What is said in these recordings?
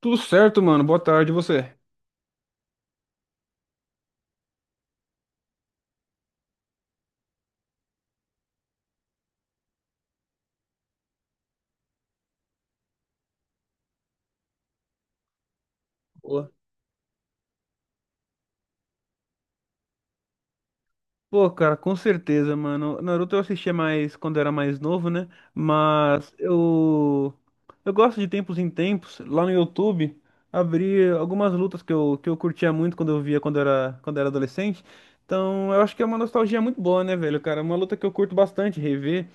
Tudo certo, mano. Boa tarde, e você? Boa. Pô, cara, com certeza, mano. Naruto eu assistia mais quando era mais novo, né? Mas eu gosto de tempos em tempos, lá no YouTube, abrir algumas lutas que eu curtia muito quando eu via quando era adolescente. Então, eu acho que é uma nostalgia muito boa, né, velho, cara? É uma luta que eu curto bastante rever.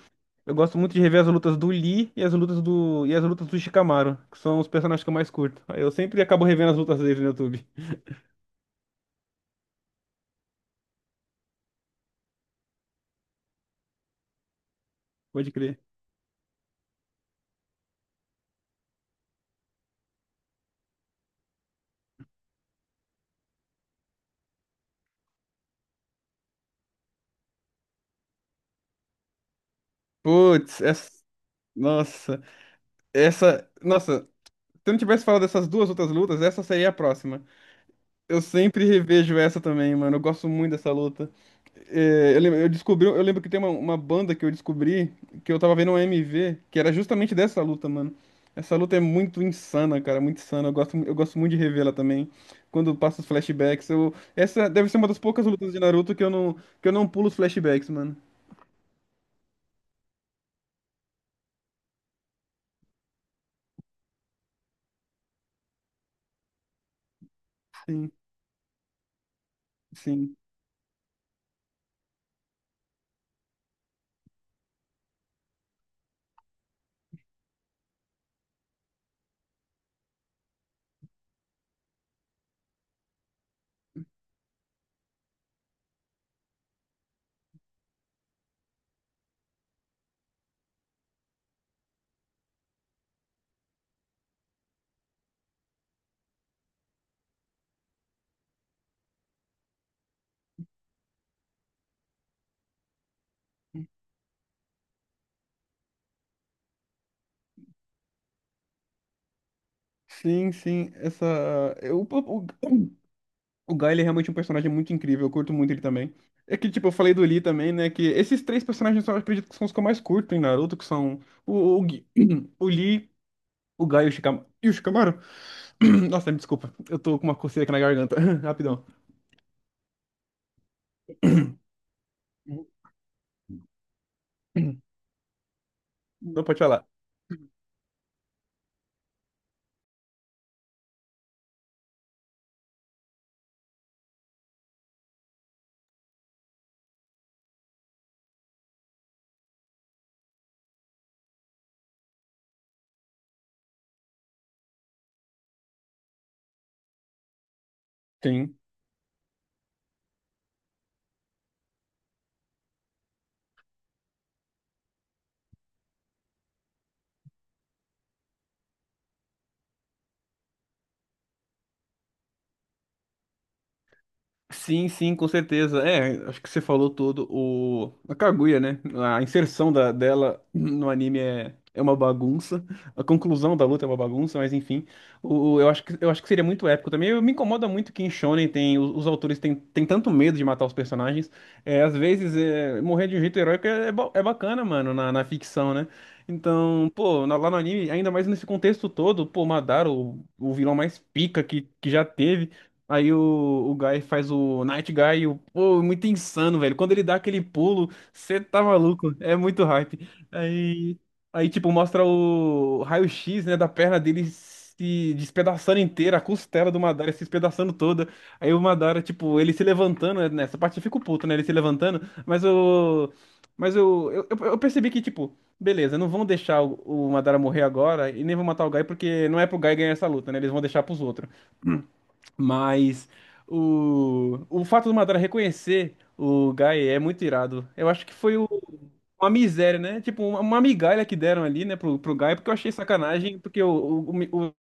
Eu gosto muito de rever as lutas do Lee e as lutas do Shikamaru, que são os personagens que eu mais curto. Aí eu sempre acabo revendo as lutas deles no YouTube. Pode crer. Putz, essa. Nossa, essa. Nossa, se eu não tivesse falado dessas duas outras lutas, essa seria a próxima. Eu sempre revejo essa também, mano. Eu gosto muito dessa luta. Eu descobri, eu lembro que tem uma banda que eu descobri que eu tava vendo um MV, que era justamente dessa luta, mano. Essa luta é muito insana, cara, muito insana. Eu gosto muito de revê-la também. Quando passa os flashbacks, essa deve ser uma das poucas lutas de Naruto que eu não pulo os flashbacks, mano. Sim, sim. Sim, sim, essa. Eu, o Guy, ele é realmente um personagem muito incrível, eu curto muito ele também. É que, tipo, eu falei do Lee também, né? Que esses três personagens eu acredito que são os que eu mais curto em Naruto, que são o, o, Gui- o Lee, o Guy e o Shikamaru. E o Shikamaru? Nossa, me desculpa, eu tô com uma coceira aqui na garganta. Rapidão. Não pode falar. Sim. Sim, sim, com certeza. É, acho que você falou tudo. O... A Kaguya, né? A inserção dela no anime é uma bagunça. A conclusão da luta é uma bagunça, mas enfim. O, eu acho eu acho que seria muito épico também. Eu, me incomoda muito que em Shonen tem, os autores têm tanto medo de matar os personagens. É, às vezes, é, morrer de um jeito heróico é bacana, mano, na ficção, né? Então, pô, na- lá no anime, ainda mais nesse contexto todo, pô, Madara, o vilão mais pica que já teve. Aí o, o Guy faz o Night Guy, e o, pô, é muito insano, velho. Quando ele dá aquele pulo, você tá maluco, é muito hype. Aí, aí tipo, mostra o raio-x, né, da perna dele se despedaçando inteira, a costela do Madara se despedaçando toda. Aí o Madara, tipo, ele se levantando, né, nessa parte eu fico puto, né, ele se levantando, mas o... Mas eu percebi que, tipo, beleza, não vão deixar o Madara morrer agora e nem vão matar o Guy porque não é pro Guy ganhar essa luta, né? Eles vão deixar pros outros. Mas o fato do Madara reconhecer o Gai é muito irado. Eu acho que foi o- uma miséria, né? Tipo, uma migalha que deram ali, né, pro Gai, porque eu achei sacanagem, porque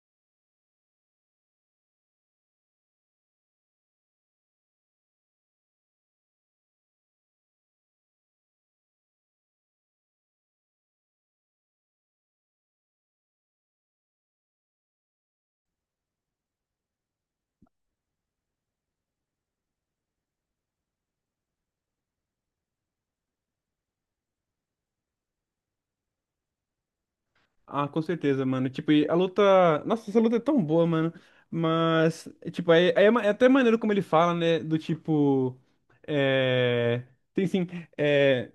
Ah, com certeza, mano. Tipo, e a luta. Nossa, essa luta é tão boa, mano. Mas, tipo, aí é, ma- é até maneiro como ele fala, né? Do tipo. É. Tem sim. é,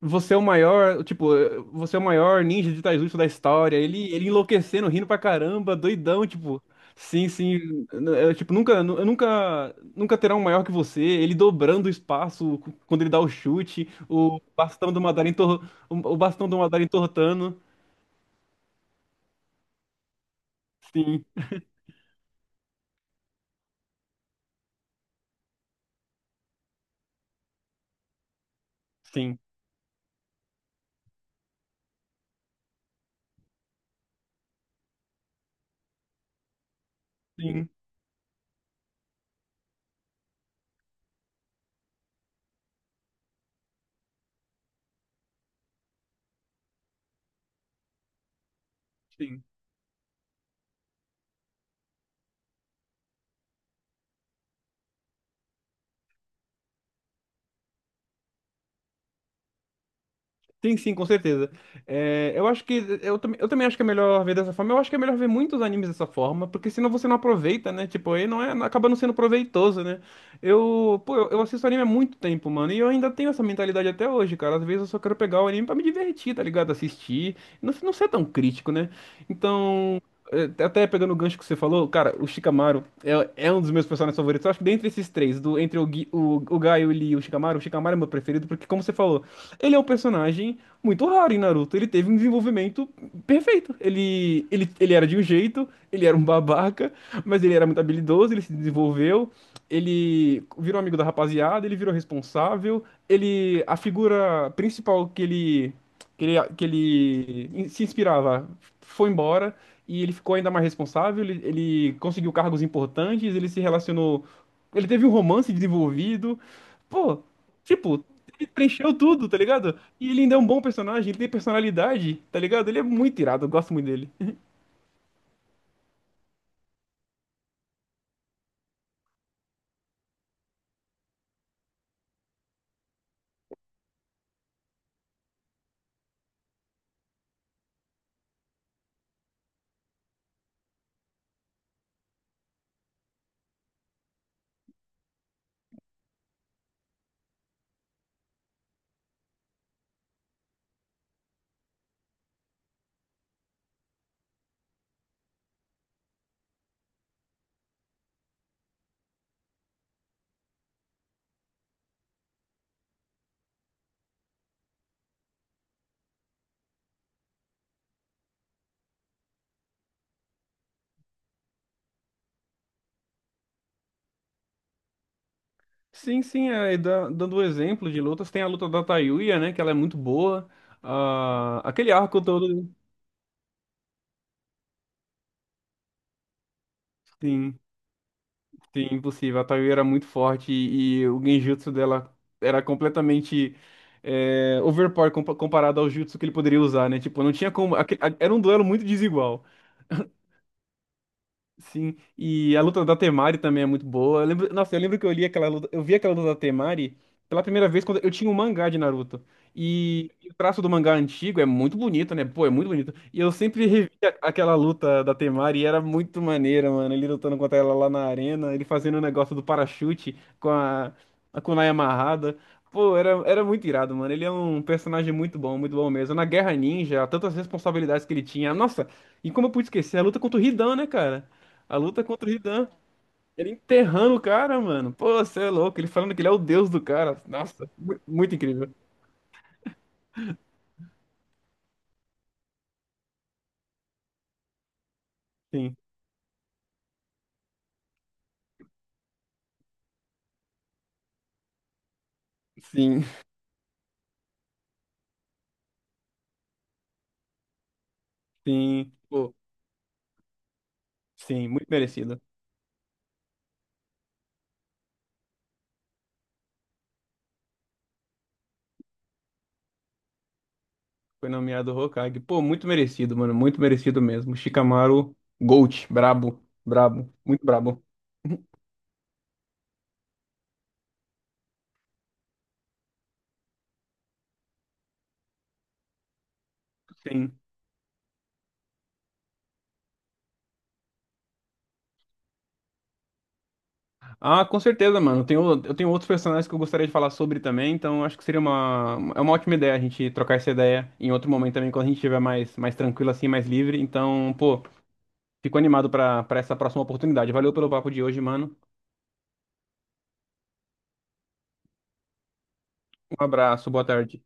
Você é o maior, tipo, você é o maior ninja de taijutsu da história. Ele enlouquecendo, rindo pra caramba, doidão, tipo. Sim, sim. Tipo, nunca, eu nunca, nunca terá um maior que você. Ele dobrando o espaço cu- quando ele dá o chute, o bastão do Madara entortando. Sim, sim, sim, sim. Sim, sim, com certeza. É, eu acho eu também acho que é melhor ver dessa forma. Eu acho que é melhor ver muitos animes dessa forma, porque senão você não aproveita, né? Tipo, aí não é, acaba não sendo proveitoso, né? Eu assisto anime há muito tempo, mano, e eu ainda tenho essa mentalidade até hoje, cara. Às vezes eu só quero pegar o anime pra me divertir, tá ligado? Assistir, não ser tão crítico, né? Então, até pegando o gancho que você falou, cara, é um dos meus personagens favoritos. Eu acho que dentre esses três, do, entre o, Gui, o Gaio, o Lee e o Shikamaru é meu preferido, porque, como você falou, ele é um personagem muito raro em Naruto. Ele teve um desenvolvimento perfeito. Ele era de um jeito, ele era um babaca, mas ele era muito habilidoso, ele se desenvolveu, ele virou amigo da rapaziada, ele virou responsável, ele, a figura principal que ele se inspirava, foi embora e ele ficou ainda mais responsável. Ele conseguiu cargos importantes, ele se relacionou, ele teve um romance desenvolvido. Pô, tipo, ele preencheu tudo, tá ligado? E ele ainda é um bom personagem, ele tem personalidade, tá ligado? Ele é muito irado, eu gosto muito dele. Sim, sim, é, e da- dando o exemplo de lutas, tem a luta da Tayuya, né? Que ela é muito boa. Ah, aquele arco todo. Sim. Sim, impossível. A Tayu era muito forte e o genjutsu dela era completamente é, overpower compa- comparado ao jutsu que ele poderia usar, né? Tipo, não tinha como. Aque- a- Era um duelo muito desigual. Sim, e a luta da Temari também é muito boa. Eu lembro, nossa, eu lembro que eu li aquela luta, eu vi aquela luta da Temari pela primeira vez quando eu tinha um mangá de Naruto. E o traço do mangá antigo é muito bonito, né? Pô, é muito bonito. E eu sempre revi a- aquela luta da Temari e era muito maneira, mano. Ele lutando contra ela lá na arena, ele fazendo o negócio do parachute com a kunai amarrada. Pô, era muito irado, mano. Ele é um personagem muito bom mesmo. Na Guerra Ninja, tantas responsabilidades que ele tinha. Nossa, e como eu pude esquecer, a luta contra o Hidan, né, cara? A luta contra o Hidan. Ele enterrando o cara, mano. Pô, você é louco. Ele falando que ele é o deus do cara. Nossa, mu- muito incrível. Sim, sim, sim. Pô, sim, muito merecido. Foi nomeado Hokage. Pô, muito merecido, mano. Muito merecido mesmo. Shikamaru Gold. Brabo, brabo. Muito brabo. Sim. Ah, com certeza, mano. Eu tenho outros personagens que eu gostaria de falar sobre também. Então, acho que seria uma, é uma ótima ideia a gente trocar essa ideia em outro momento também, quando a gente estiver mais, mais tranquilo assim, mais livre. Então, pô. Fico animado para essa próxima oportunidade. Valeu pelo papo de hoje, mano. Um abraço, boa tarde.